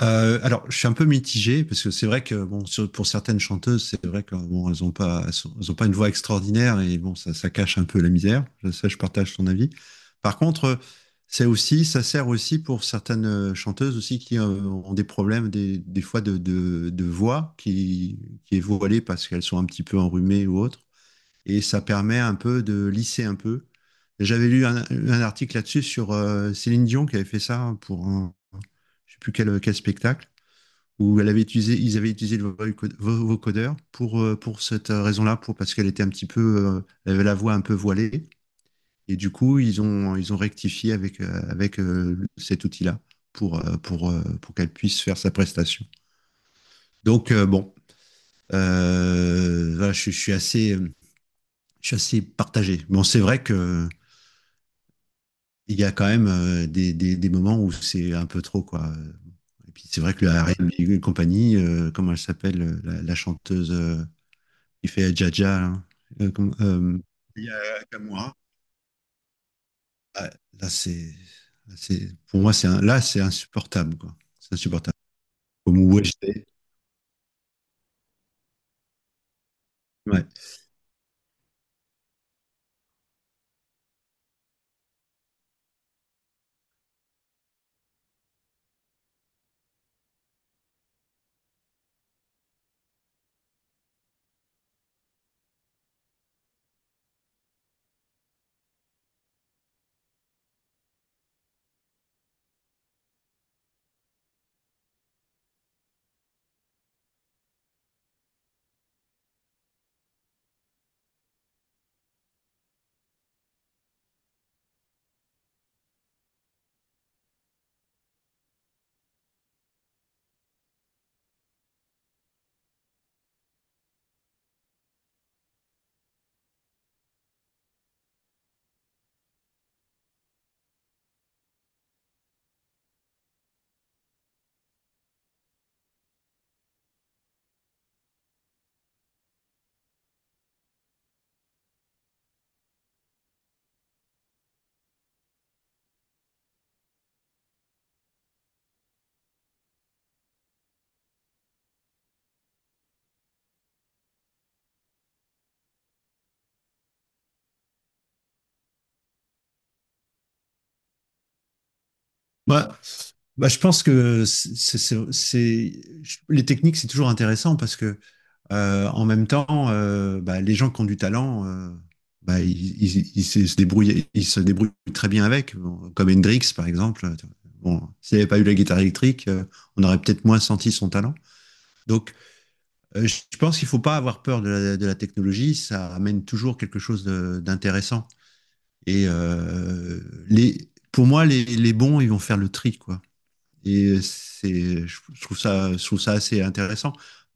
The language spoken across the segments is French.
Alors, je suis un peu mitigé parce que c'est vrai que bon, pour certaines chanteuses, c'est vrai que bon, elles ont pas, elles ont pas une voix extraordinaire et bon, ça cache un peu la misère. Ça, je partage ton avis. Par contre, c'est aussi, ça sert aussi pour certaines chanteuses aussi qui ont des problèmes des fois de voix qui est voilée parce qu'elles sont un petit peu enrhumées ou autre et ça permet un peu de lisser un peu. J'avais lu un article là-dessus sur Céline Dion qui avait fait ça pour un, je sais plus quel spectacle où elle avait utilisé, ils avaient utilisé le vocodeur pour cette raison-là, pour, parce qu'elle était un petit peu, elle avait la voix un peu voilée. Et du coup, ils ont rectifié avec, avec cet outil-là pour qu'elle puisse faire sa prestation. Donc, bon, voilà, suis je suis assez partagé. Bon, c'est vrai que il y a quand même des moments où c'est un peu trop, quoi. Et puis c'est vrai que le RM et compagnie, comment elle s'appelle, la chanteuse qui fait Jaja, là, euh, comme- euh, il y a Kamura. Ah, Là, c'est, pour moi, là, c'est insupportable, quoi. C'est insupportable. Comme où j'étais. Bah, bah, je pense que les techniques, c'est toujours intéressant parce que en même temps, bah, les gens qui ont du talent, bah, ils se débrouillent, ils se débrouillent très bien avec. Bon, comme Hendrix par exemple. Bon, s'il n'avait pas eu la guitare électrique, on aurait peut-être moins senti son talent. Donc, je pense qu'il faut pas avoir peur de la technologie, ça amène toujours quelque chose d'intéressant. Et pour moi, les bons, ils vont faire le tri, quoi. Et je trouve ça assez intéressant.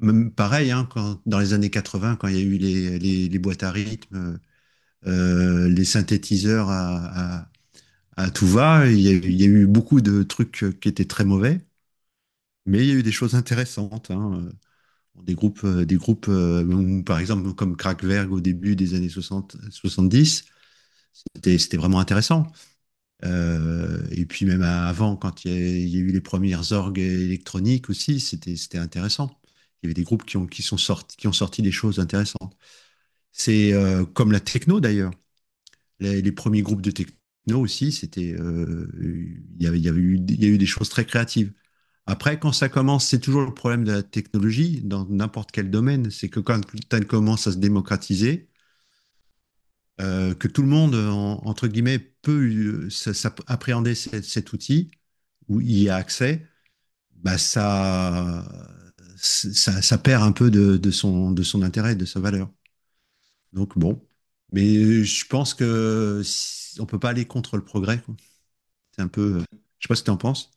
Même pareil, hein, quand, dans les années 80, quand il y a eu les boîtes à rythme, les synthétiseurs à tout va, il y a eu beaucoup de trucs qui étaient très mauvais, mais il y a eu des choses intéressantes, hein. Euh, des groupes où, par exemple, comme Kraftwerk au début des années 60, 70, c'était vraiment intéressant. Et puis même avant, quand il y a eu les premières orgues électroniques aussi, c'était intéressant. Il y avait des groupes qui sont sortis qui ont sorti des choses intéressantes. C'est comme la techno d'ailleurs. Les premiers groupes de techno aussi, c'était il y a eu des choses très créatives. Après, quand ça commence, c'est toujours le problème de la technologie dans n'importe quel domaine. C'est que quand elle commence à se démocratiser, que tout le monde, en- entre guillemets, peut appréhender cet outil, où il y a accès, bah ça perd un peu de son intérêt, de sa valeur. Donc bon, mais je pense que on peut pas aller contre le progrès, quoi. C'est un peu, je sais pas ce que tu en penses.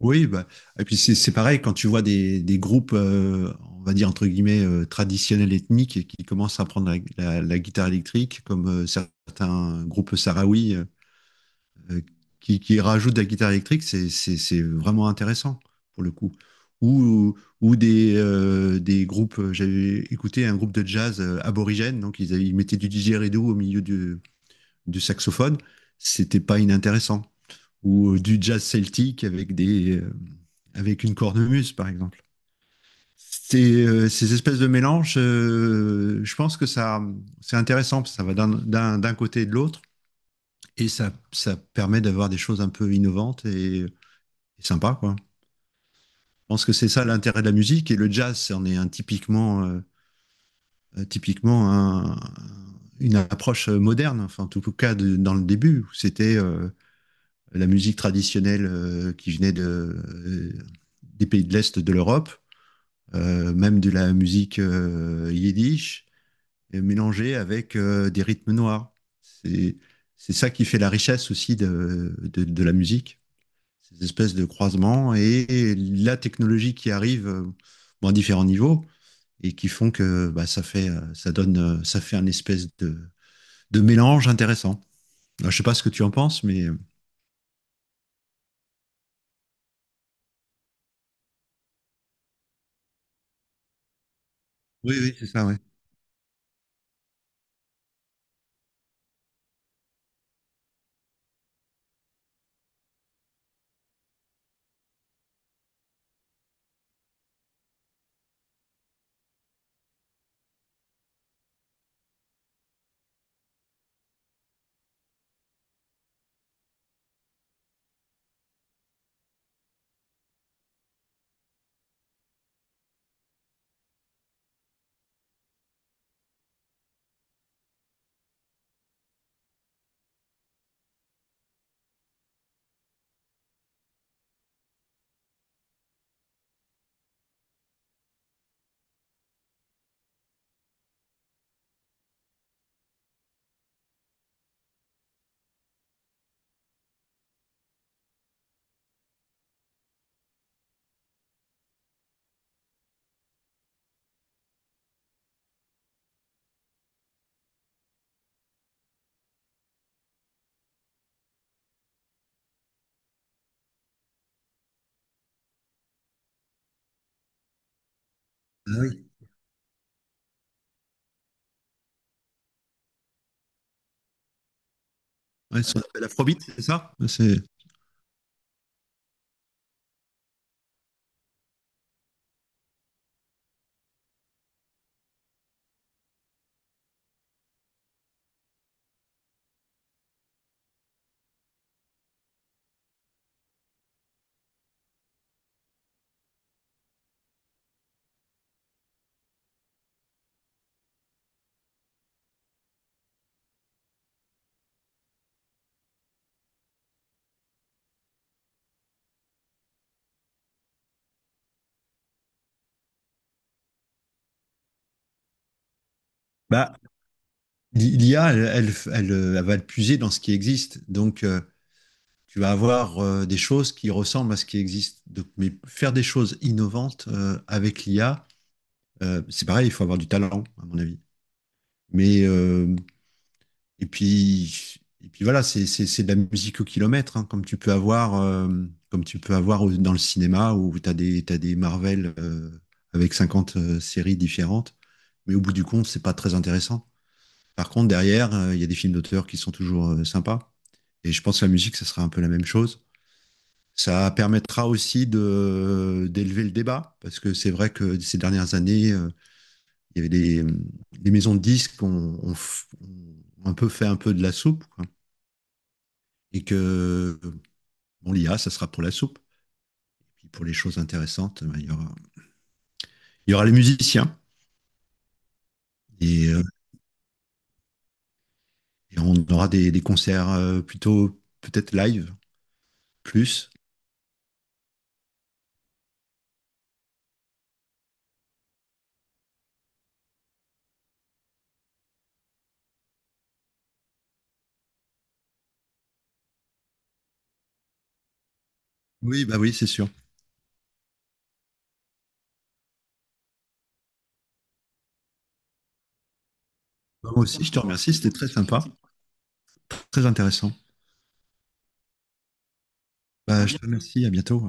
Oui, bah, et puis c'est pareil quand tu vois des groupes, on va dire entre guillemets, traditionnels ethniques et qui commencent à prendre la guitare électrique, comme certains groupes sahraouis euh, qui rajoutent de la guitare électrique, c'est vraiment intéressant pour le coup. Ou des groupes, j'avais écouté un groupe de jazz aborigène, donc ils mettaient du didgeridoo au milieu du saxophone, c'était pas inintéressant, ou du jazz celtique avec des avec une cornemuse par exemple. Ces, ces espèces de mélanges, je pense que ça c'est intéressant parce que ça va d'un côté et de l'autre et ça permet d'avoir des choses un peu innovantes et sympas, quoi. Je pense que c'est ça l'intérêt de la musique, et le jazz c'en est un typiquement typiquement une approche moderne, enfin en tout cas dans le début c'était la musique traditionnelle qui venait euh, des pays de l'Est de l'Europe, même de la musique yiddish, et mélangée avec des rythmes noirs. C'est c'est ça qui fait la richesse aussi la musique, ces espèces de croisements et la technologie qui arrive bon, à différents niveaux et qui font que bah, ça fait un espèce de mélange intéressant. Alors, je ne sais pas ce que tu en penses, mais oui oui c'est ça, ouais. Ah, oui. Ouais, ce qu'on Afrobeat, c'est ça. Bah, l'IA, elle va le puiser dans ce qui existe. Donc, tu vas avoir des choses qui ressemblent à ce qui existe. Donc, mais faire des choses innovantes avec l'IA, c'est pareil, il faut avoir du talent, à mon avis. Mais, et puis voilà, c'est de la musique au kilomètre, hein, comme tu peux avoir, dans le cinéma où t'as des Marvel avec 50 séries différentes. Mais au bout du compte, c'est pas très intéressant. Par contre, derrière, il y a des films d'auteur qui sont toujours sympas. Et je pense que la musique, ça sera un peu la même chose. Ça permettra aussi de d'élever le débat, parce que c'est vrai que ces dernières années, il y avait des maisons de disques ont, ont f- ont un peu fait un peu de la soupe, quoi, et que bon, l'IA, ça sera pour la soupe. Puis pour les choses intéressantes, ben, il y aura les musiciens, et, euh, et on aura des concerts plutôt peut-être live, plus. Oui, bah oui, c'est sûr. Bah, moi aussi, je te remercie, c'était très sympa, très intéressant. Bah, je te remercie, à bientôt.